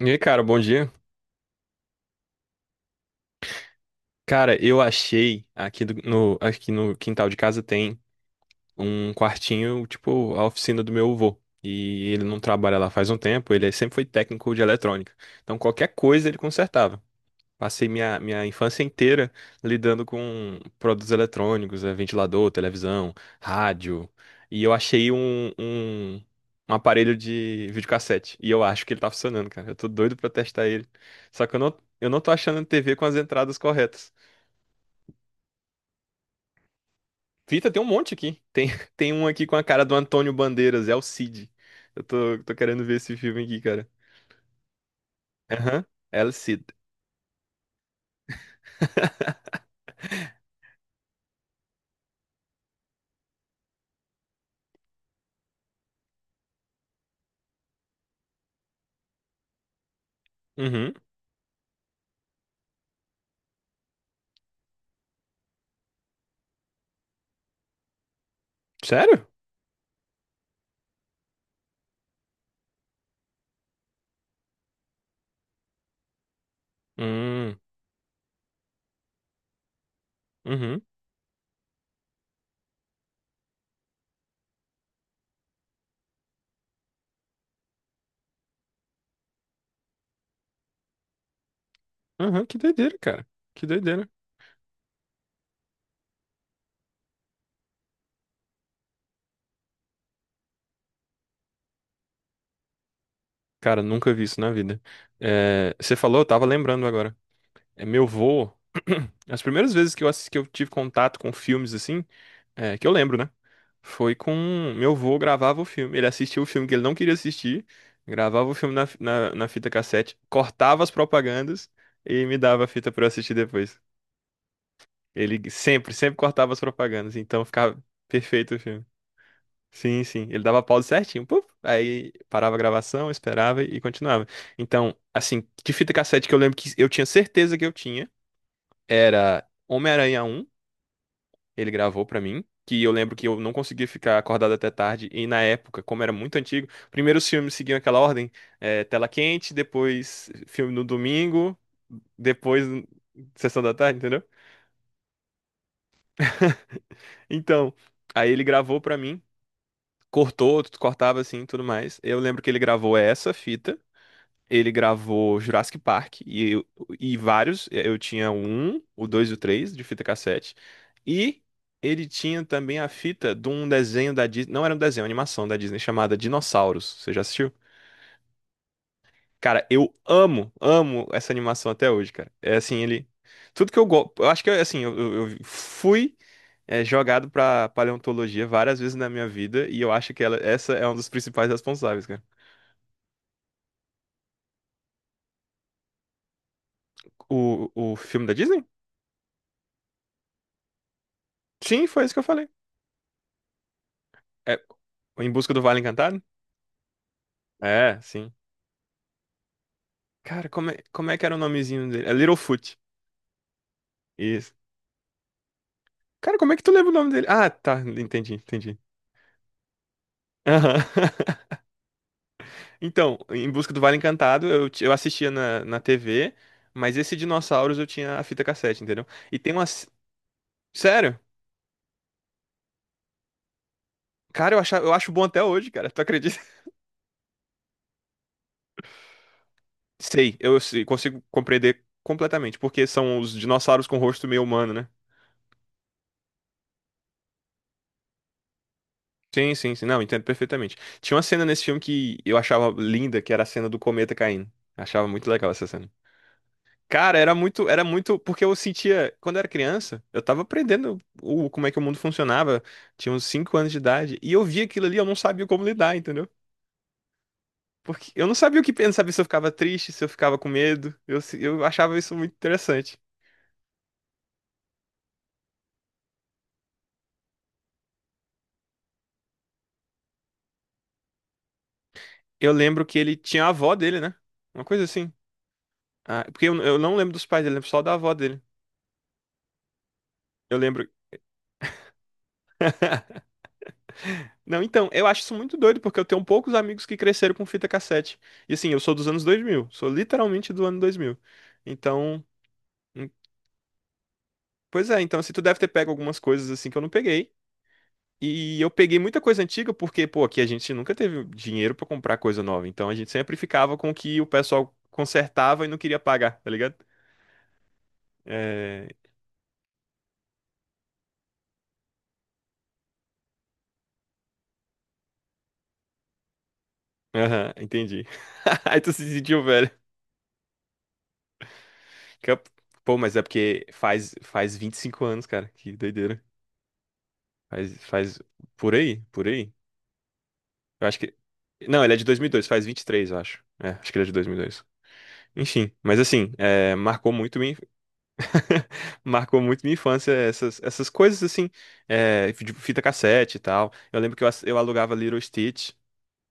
E aí, cara, bom dia. Cara, eu achei aqui no quintal de casa tem um quartinho, tipo, a oficina do meu avô. E ele não trabalha lá faz um tempo, ele sempre foi técnico de eletrônica. Então qualquer coisa ele consertava. Passei minha infância inteira lidando com produtos eletrônicos, ventilador, televisão, rádio. E eu achei um aparelho de videocassete. E eu acho que ele tá funcionando, cara. Eu tô doido pra testar ele. Só que eu não tô achando TV com as entradas corretas. Fita, tem um monte aqui. Tem, tem um aqui com a cara do Antônio Bandeiras, é o Cid. Tô querendo ver esse filme aqui, cara. Aham, El Cid. Uhum. Sério? Hum, uhum, uhum, que doideira, cara. Que doideira. Cara, nunca vi isso na vida. É, você falou, eu tava lembrando agora. É, meu vô, as primeiras vezes que que eu tive contato com filmes assim, que eu lembro, né? Foi com meu vô gravava o filme. Ele assistia o filme que ele não queria assistir, gravava o filme na fita cassete, cortava as propagandas e me dava a fita pra eu assistir depois. Ele sempre cortava as propagandas, então ficava perfeito o filme. Sim, sim. Ele dava pause certinho. Puf, aí parava a gravação, esperava e continuava. Então, assim, de fita cassete que eu lembro que eu tinha certeza que eu tinha, era Homem-Aranha um. Ele gravou pra mim, que eu lembro que eu não conseguia ficar acordado até tarde, e na época, como era muito antigo, primeiro os filmes seguiam aquela ordem, tela quente, depois filme no domingo, depois sessão da tarde, entendeu? Então, aí ele gravou pra mim, cortava assim, tudo mais. Eu lembro que ele gravou essa fita. Ele gravou Jurassic Park e vários. Eu tinha o um, o dois e o três de fita cassete. E ele tinha também a fita de um desenho da Disney. Não era um desenho, uma animação da Disney chamada Dinossauros. Você já assistiu? Cara, eu amo, amo essa animação até hoje, cara. É assim, ele. Tudo que eu gosto. Eu acho que, assim, eu fui, jogado pra paleontologia várias vezes na minha vida. E eu acho que essa é um dos principais responsáveis, cara. O filme da Disney? Sim, foi isso que eu falei. É, Em Busca do Vale Encantado? É, sim. Cara, como é que era o nomezinho dele? É Littlefoot. Isso. Cara, como é que tu lembra o nome dele? Ah, tá. Entendi, entendi. Aham. Então, Em Busca do Vale Encantado, eu assistia na TV, mas esse Dinossauros eu tinha a fita cassete, entendeu? E tem umas. Sério? Cara, eu acho bom até hoje, cara. Tu acredita? Sei, consigo compreender completamente, porque são os dinossauros com rosto meio humano, né? Sim, sim, sim. Não, entendo perfeitamente. Tinha uma cena nesse filme que eu achava linda, que era a cena do cometa caindo. Achava muito legal essa cena. Cara, era muito, porque eu sentia, quando eu era criança, eu tava aprendendo como é que o mundo funcionava, tinha uns 5 anos de idade, e eu via aquilo ali, eu não sabia como lidar, entendeu? Porque eu não sabia o que pensar, não sabia se eu ficava triste, se eu ficava com medo. Eu, se- eu achava isso muito interessante. Eu lembro que ele tinha a avó dele, né? Uma coisa assim. Ah, porque eu não lembro dos pais dele, lembro só da avó dele. Eu lembro. Não, então, eu acho isso muito doido, porque eu tenho poucos amigos que cresceram com fita cassete. E assim, eu sou dos anos 2000, sou literalmente do ano 2000. Então, hum, pois é, então assim, tu deve ter pego algumas coisas assim que eu não peguei. E eu peguei muita coisa antiga porque, pô, aqui a gente nunca teve dinheiro pra comprar coisa nova. Então a gente sempre ficava com o que o pessoal consertava e não queria pagar, tá ligado? É... Aham, entendi. Aí tu se sentiu velho. Que eu- Pô, mas é porque faz 25 anos, cara, que doideira. Faz, faz por aí, por aí. Eu acho que. Não, ele é de dois mil e dois, faz 23, eu acho. É, acho que ele é de dois mil e dois. Enfim, mas assim, é, marcou muito minha, marcou muito minha infância essas, essas coisas assim, é, de fita cassete e tal. Eu lembro que eu alugava Little Stitch,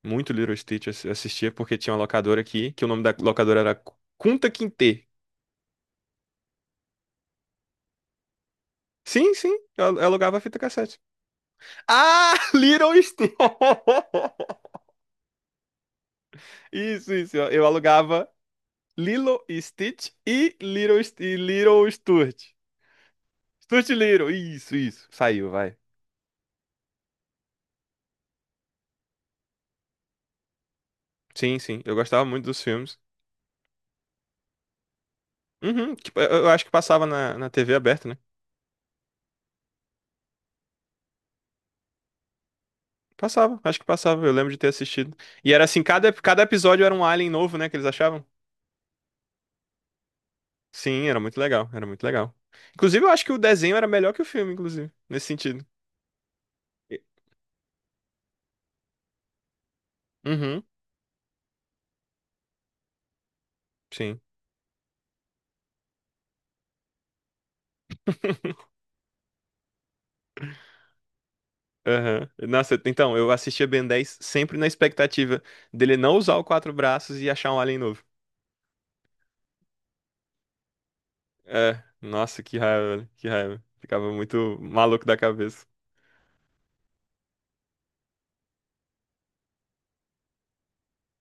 muito Little Stitch eu assistia porque tinha uma locadora aqui, que o nome da locadora era Kunta Kinte. Sim, sim, eu alugava fita cassete. Ah, Little Stitch! Isso, isso. Eu alugava Lilo e Stitch e Little Sturt. Sturt e Little, isso, isso. Saiu, vai. Sim, sim. Eu gostava muito dos filmes. Uhum, tipo, eu acho que passava na TV aberta, né? Passava, acho que passava. Eu lembro de ter assistido. E era assim, cada episódio era um alien novo, né? Que eles achavam. Sim, era muito legal, era muito legal. Inclusive, eu acho que o desenho era melhor que o filme, inclusive, nesse sentido. E- Uhum, sim. Aham. Nossa, então, eu assistia Ben 10 sempre na expectativa dele não usar o quatro braços e achar um alien novo. É, nossa, que raiva, velho, que raiva. Ficava muito maluco da cabeça.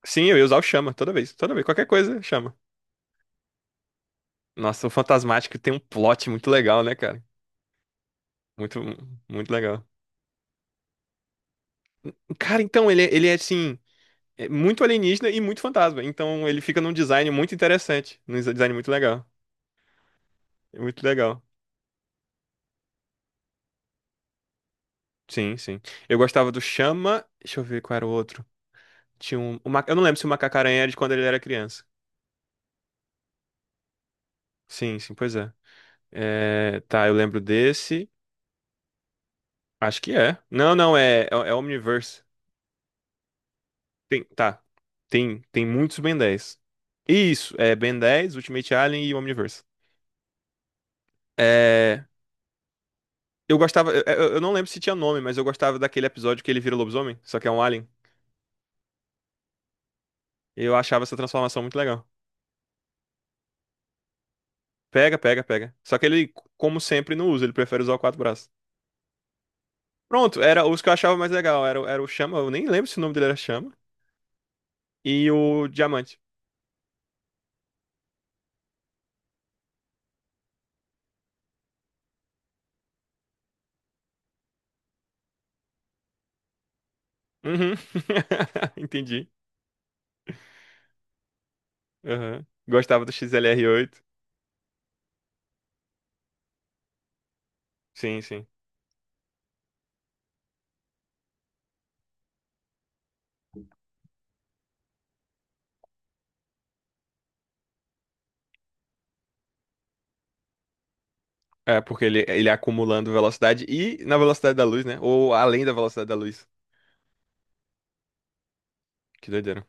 Sim, eu ia usar o chama toda vez, qualquer coisa, chama. Nossa, o Fantasmático tem um plot muito legal, né, cara? Muito, muito legal. Cara, então, ele é assim, é muito alienígena e muito fantasma. Então, ele fica num design muito interessante, num design muito legal. É muito legal. Sim, sim. Eu gostava do chama. Deixa eu ver qual era o outro. Tinha um. Eu não lembro se o Macaco-Aranha era de quando ele era criança. Sim, sim, pois é. É, tá, eu lembro desse. Acho que é. Não, não, é, é, é Omniverse. Tem, tá. Tem, tem muitos Ben 10. Isso, é Ben 10, Ultimate Alien e Omniverse. É, eu gostava, eu não lembro se tinha nome, mas eu gostava daquele episódio que ele vira lobisomem, só que é um alien. Eu achava essa transformação muito legal. Pega, pega, pega. Só que ele, como sempre, não usa, ele prefere usar o quatro braços. Pronto, era os que eu achava mais legal. Era, era o Chama, eu nem lembro se o nome dele era Chama, e o Diamante. Uhum. Entendi. Uhum. Gostava do XLR8. Sim, sim. É, porque ele é acumulando velocidade e na velocidade da luz, né? Ou além da velocidade da luz. Que doideira.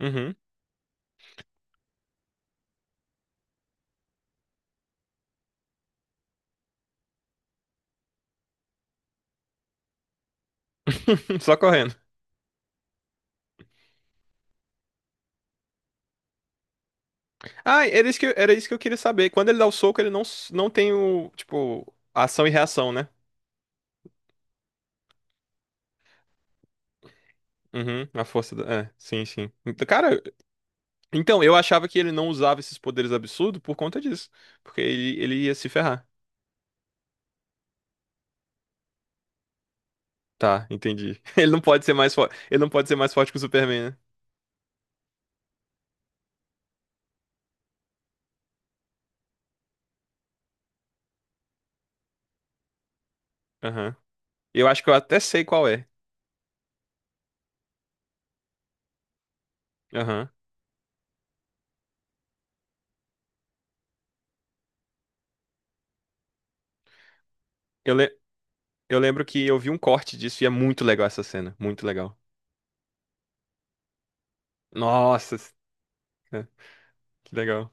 Uhum. Só correndo. Ah, era isso que eu queria saber. Quando ele dá o soco, ele não, s- não tem o, tipo, ação e reação, né? Uhum, a força da... É, sim, sim. Então, cara, então, eu achava que ele não usava esses poderes absurdos por conta disso. Porque ele ia se ferrar. Tá, entendi. Ele não pode ser mais forte. Ele não pode ser mais forte que o Superman, né? Aham. Eu acho que eu até sei qual é. Aham. Eu, le- Eu lembro que eu vi um corte disso e é muito legal essa cena. Muito legal. Nossa, é, que legal.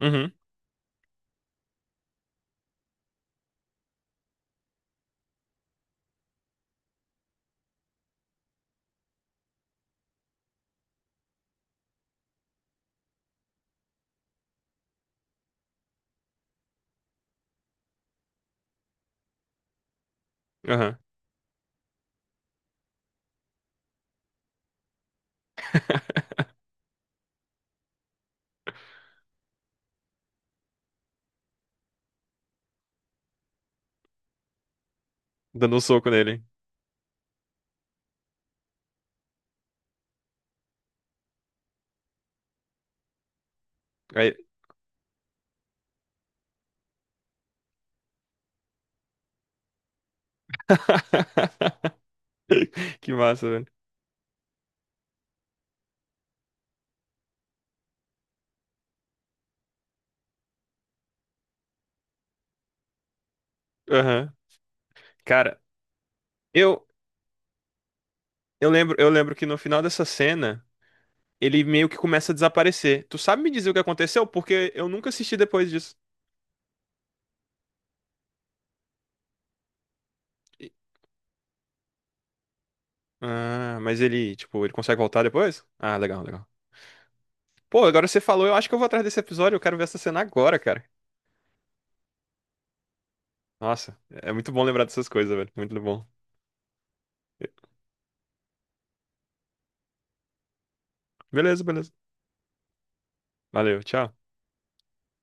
Uhum, aham. Dando um soco nele. Aí- Que massa, velho. Aham. Cara, eu, eu lembro que no final dessa cena, ele meio que começa a desaparecer. Tu sabe me dizer o que aconteceu? Porque eu nunca assisti depois disso. E- Ah, mas ele, tipo, ele consegue voltar depois? Ah, legal, legal. Pô, agora você falou, eu acho que eu vou atrás desse episódio, eu quero ver essa cena agora, cara. Nossa, é muito bom lembrar dessas coisas, velho. Muito bom. Beleza, beleza. Valeu, tchau.